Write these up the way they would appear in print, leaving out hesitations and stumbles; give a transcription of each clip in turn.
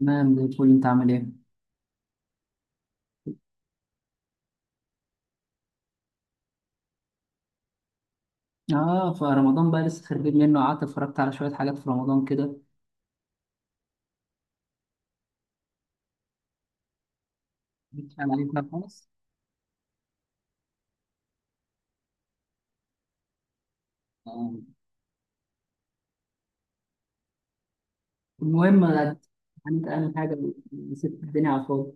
تمام زي الفل، انت عامل ايه؟ اه، فرمضان بقى لسه خارجين منه، قعدت اتفرجت على شوية حاجات في رمضان كده. مش عليك بقى خالص. آه، المهم يعني انت اهم حاجة. نسيت الدنيا على الفاضي.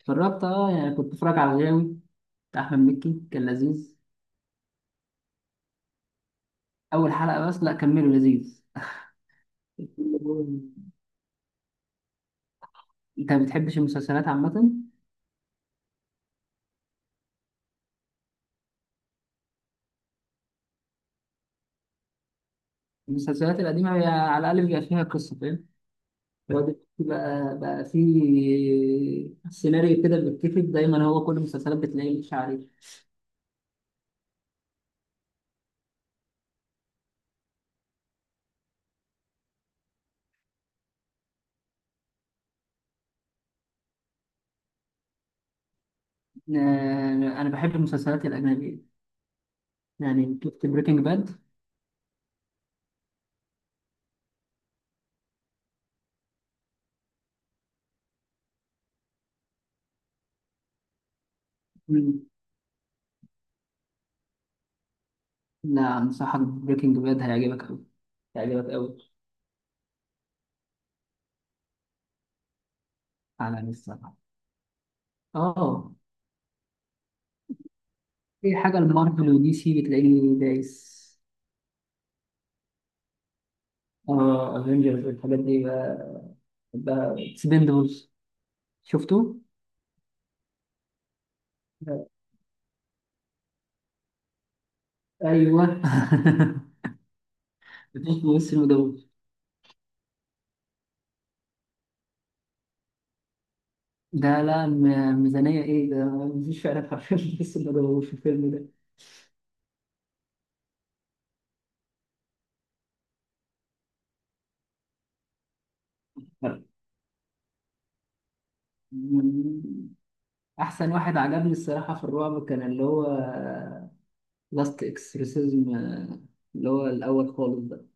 اتفرجت، يعني كنت بتفرج على الغاوي بتاع احمد مكي، كان لذيذ. اول حلقة بس؟ لا، كملوا لذيذ. انت ما بتحبش المسلسلات عامة؟ المسلسلات القديمة هي على الأقل بيبقى فيها قصة، فاهم؟ الواد بقى في سيناريو كده بيتكتب دايما، هو كل المسلسلات بتلاقيه، مش عارف. انا بحب المسلسلات الاجنبيه. يعني شفت بريكنج باد؟ لا، انصحك بريكنج باد، هيعجبك قوي، هيعجبك قوي. على الصراحه، اه. اي حاجه، المارفل ودي سي بتلاقيني دايس. اه، افنجرز الحاجات دي بقى. بقى اكسبندبلز شفته؟ لا. ايوه. مفيش ممثل ما جابوش. ده لا، ميزانيه ايه؟ ده مفيش فعلا حرفيا ممثل ما جابوش في الفيلم. ده احسن واحد عجبني الصراحه في الرعب، كان اللي هو لاست اكسورسيزم، اللي هو الاول خالص ده.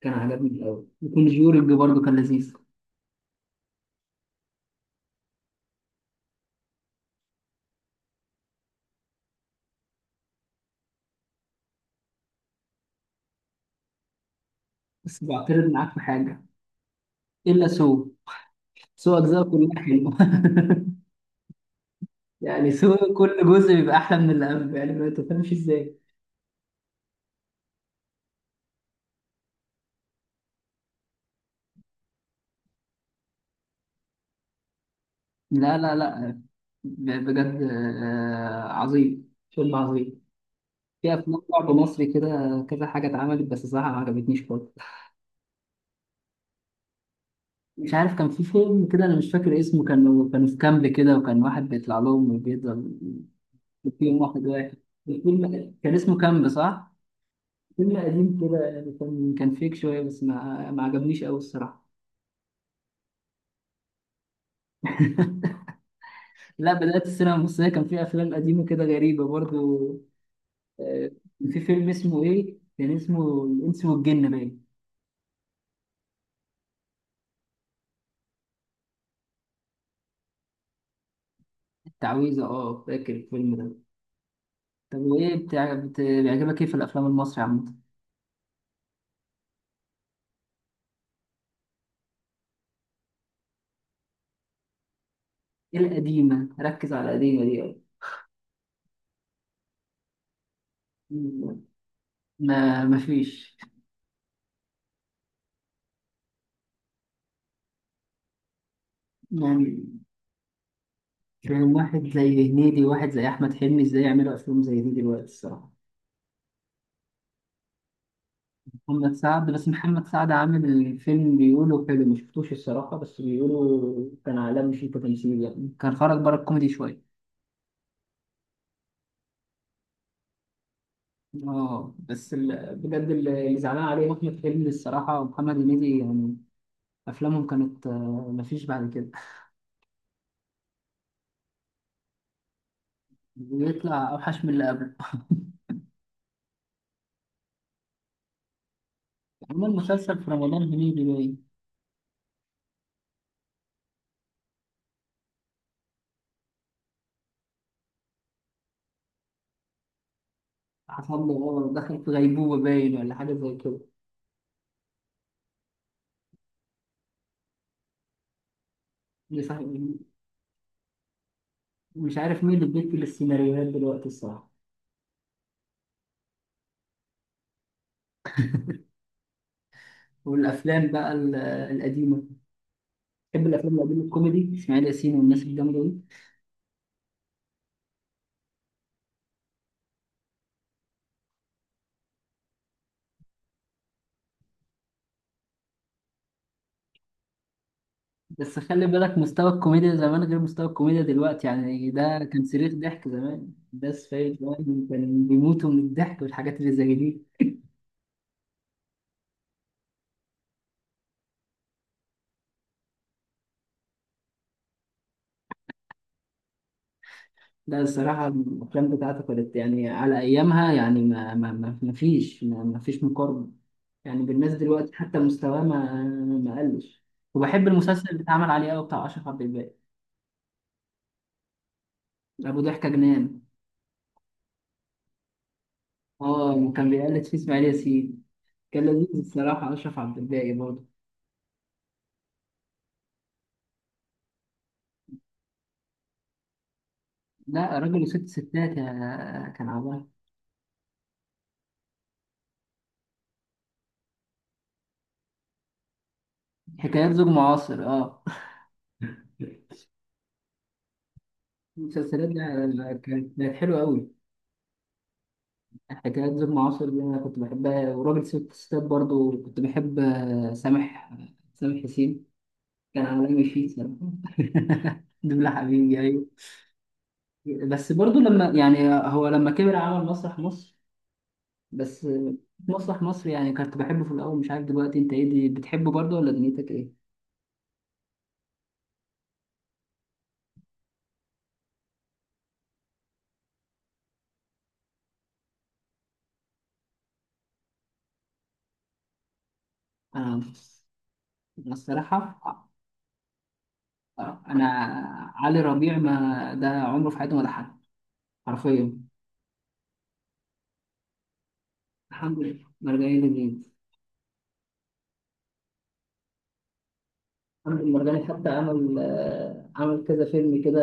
كان عجبني الاول، وكونجورنج برضه كان لذيذ. بس بعترض معاك في حاجه. الا سو، سو اجزاء كلها حلوه. يعني سو كل جزء بيبقى احلى من اللي قبل، يعني ما تفهمش ازاي. لا لا لا، بجد، عظيم، فيلم عظيم. في افلام رعب مصري كده، كذا حاجه اتعملت، بس صراحه ما عجبتنيش خالص. مش عارف، كان في فيلم كده انا مش فاكر اسمه، كانوا في كامب كده، وكان واحد بيطلع لهم وبيفضل في يوم واحد واحد. الفيلم كان اسمه كامب، صح؟ فيلم قديم كده، يعني كان فيك شوية، بس ما عجبنيش قوي الصراحة. لا، بدأت السينما المصرية كان فيها أفلام قديمة كده غريبة برضو. آه، في فيلم اسمه إيه؟ كان اسمه الإنس والجن باين. التعويذة، أه، فاكر الفيلم ده. طب وإيه بيعجبك إيه في الأفلام المصري عامة؟ إيه القديمة؟ ركز على القديمة دي. أوي. ما فيش، يعني كان واحد زي هنيدي، واحد زي أحمد حلمي، إزاي يعملوا أفلام زي دي دلوقتي الصراحة؟ محمد سعد، بس محمد سعد عامل الفيلم بيقولوا حلو، مشفتوش الصراحة، بس بيقولوا كان عالمي، فيه تمثيل، يعني كان خرج بره الكوميدي شوية. اه، بس بجد، اللي زعلان عليه أحمد حلمي الصراحة، ومحمد هنيدي، يعني أفلامهم كانت، مفيش بعد كده، بيطلع أوحش من اللي قبله. عمل مسلسل في رمضان هنيدي باين، حصل له غلط، دخل في غيبوبة باين ولا حاجة زي كده، مش عارف. مش عارف مين اللي بيكتب السيناريوهات دلوقتي الصراحة. والأفلام بقى القديمة. بحب الأفلام القديمة، الكوميدي، إسماعيل ياسين والناس الجامدة دي. بس خلي بالك، مستوى الكوميديا زمان غير مستوى الكوميديا دلوقتي، يعني ده كان صريخ ضحك زمان، بس فاهم؟ زمان كان بيموتوا من الضحك والحاجات اللي زي دي. لا الصراحة، الأفلام بتاعته كانت يعني على أيامها، يعني ما فيش مقارنة، يعني بالناس دلوقتي، حتى مستواه ما قلش. وبحب المسلسل اللي اتعمل عليه أوي بتاع أشرف عبد الباقي، أبو ضحكة جنان. اه، كان بيقلد فيه إسماعيل ياسين، كان لذيذ الصراحة أشرف عبد الباقي برضه. لا، راجل وست ستات كان عبارة حكايات زوج معاصر، اه. المسلسلات دي كانت حلوة أوي. حكايات زوج معاصر دي أنا كنت بحبها، وراجل ست ستات برضه كنت بحب، سامح حسين. كان عالمي فيه صراحة. دبلة حبيبي، أيوه. بس برضه لما، يعني هو لما كبر، عمل مسرح مصر، بس مسرح مصر، يعني كنت بحبه في الأول، مش عارف دلوقتي أنت إيه، دي بتحبه برضه ولا دنيتك إيه؟ أنا أنا الصراحة، أنا علي ربيع، ما ده عمره في حياته ما ضحك، حرفيا. الحمد لله، مرجعين لجديد. محمد المرغني حتى عمل كذا فيلم كده،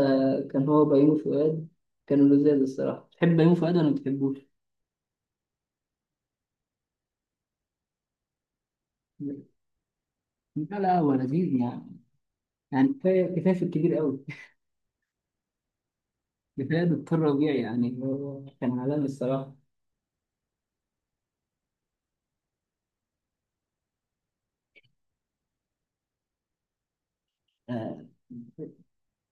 كان هو بيومي فؤاد. كانوا لذيذ الصراحة. تحب بيومي فؤاد ولا ما بتحبوش؟ لا لا، هو لذيذ يعني. يعني كفاية كفاية، في الكبير قوي. كفاية دكتور ربيع، يعني هو كان عالمي الصراحة. آه،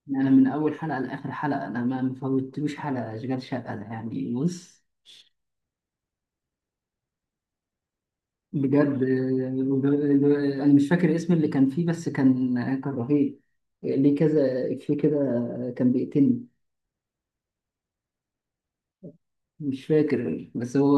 أنا من أول حلقة لآخر حلقة، أنا ما فوتلوش حلقة أشغال شقة ده، يعني بص، بجد. أنا مش فاكر اسم اللي كان فيه، بس كان رهيب، ليه كذا في كده، كان بيقتلني. مش فاكر، بس هو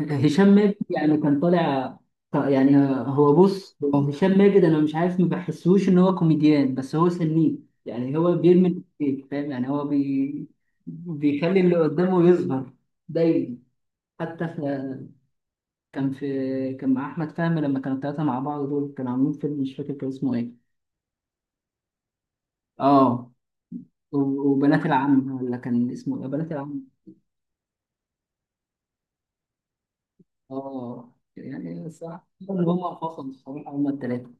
هشام ماجد، يعني كان طالع يعني. هو، بص، هشام ماجد انا مش عارف، ما بحسوش ان هو كوميديان، بس هو سنيد، يعني هو بيرمي الإفيه، فاهم؟ يعني هو بيخلي اللي قدامه يظهر دايما. حتى كان في كان مع احمد فهمي، لما كانوا الثلاثه مع بعض، دول كانوا عاملين فيلم مش فاكر كان اسمه ايه، اه. و- وبنات العم، ولا كان اسمه ايه بنات العم. اه، يعني صح هم فصلوا الصراحه هم الثلاثه.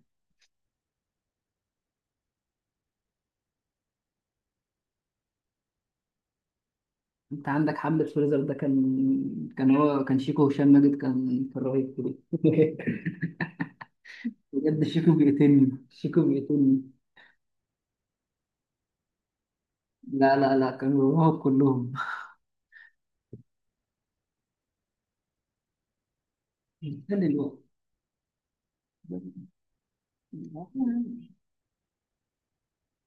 انت عندك حمد فريزر ده، كان هو كان شيكو، هشام ماجد كان رهيب في دي. بجد، شيكو بيقتلني، شيكو بيقتلني. لا لا لا، كانوا رهاب كلهم. استنى الوقت،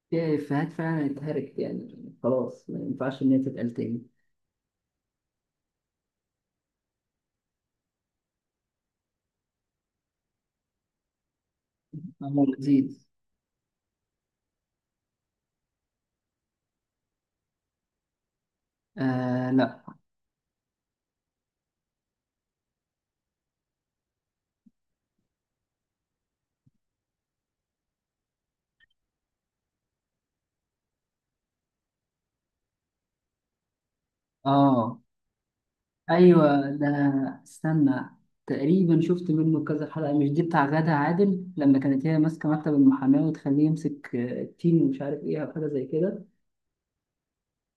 في إفيهات فعلا اتهركت، يعني خلاص ما ينفعش إن هي تتقال تاني. هو لذيذ. آه لا. آه. ايوه. ده انا استنى، تقريبا شفت منه كذا حلقه، مش دي بتاع غادة عادل لما كانت هي ماسكه مكتب المحاماه وتخليه يمسك، التين ومش عارف ايه او حاجه زي كده.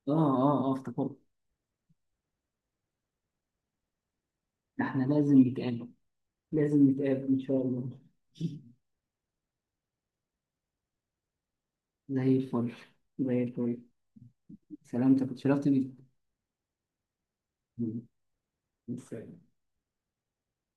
اه اه اه، افتكرت. احنا لازم نتقابل، لازم نتقابل ان شاء الله. زي الفل، زي الفل. سلامتك، اتشرفت بيك. سلام.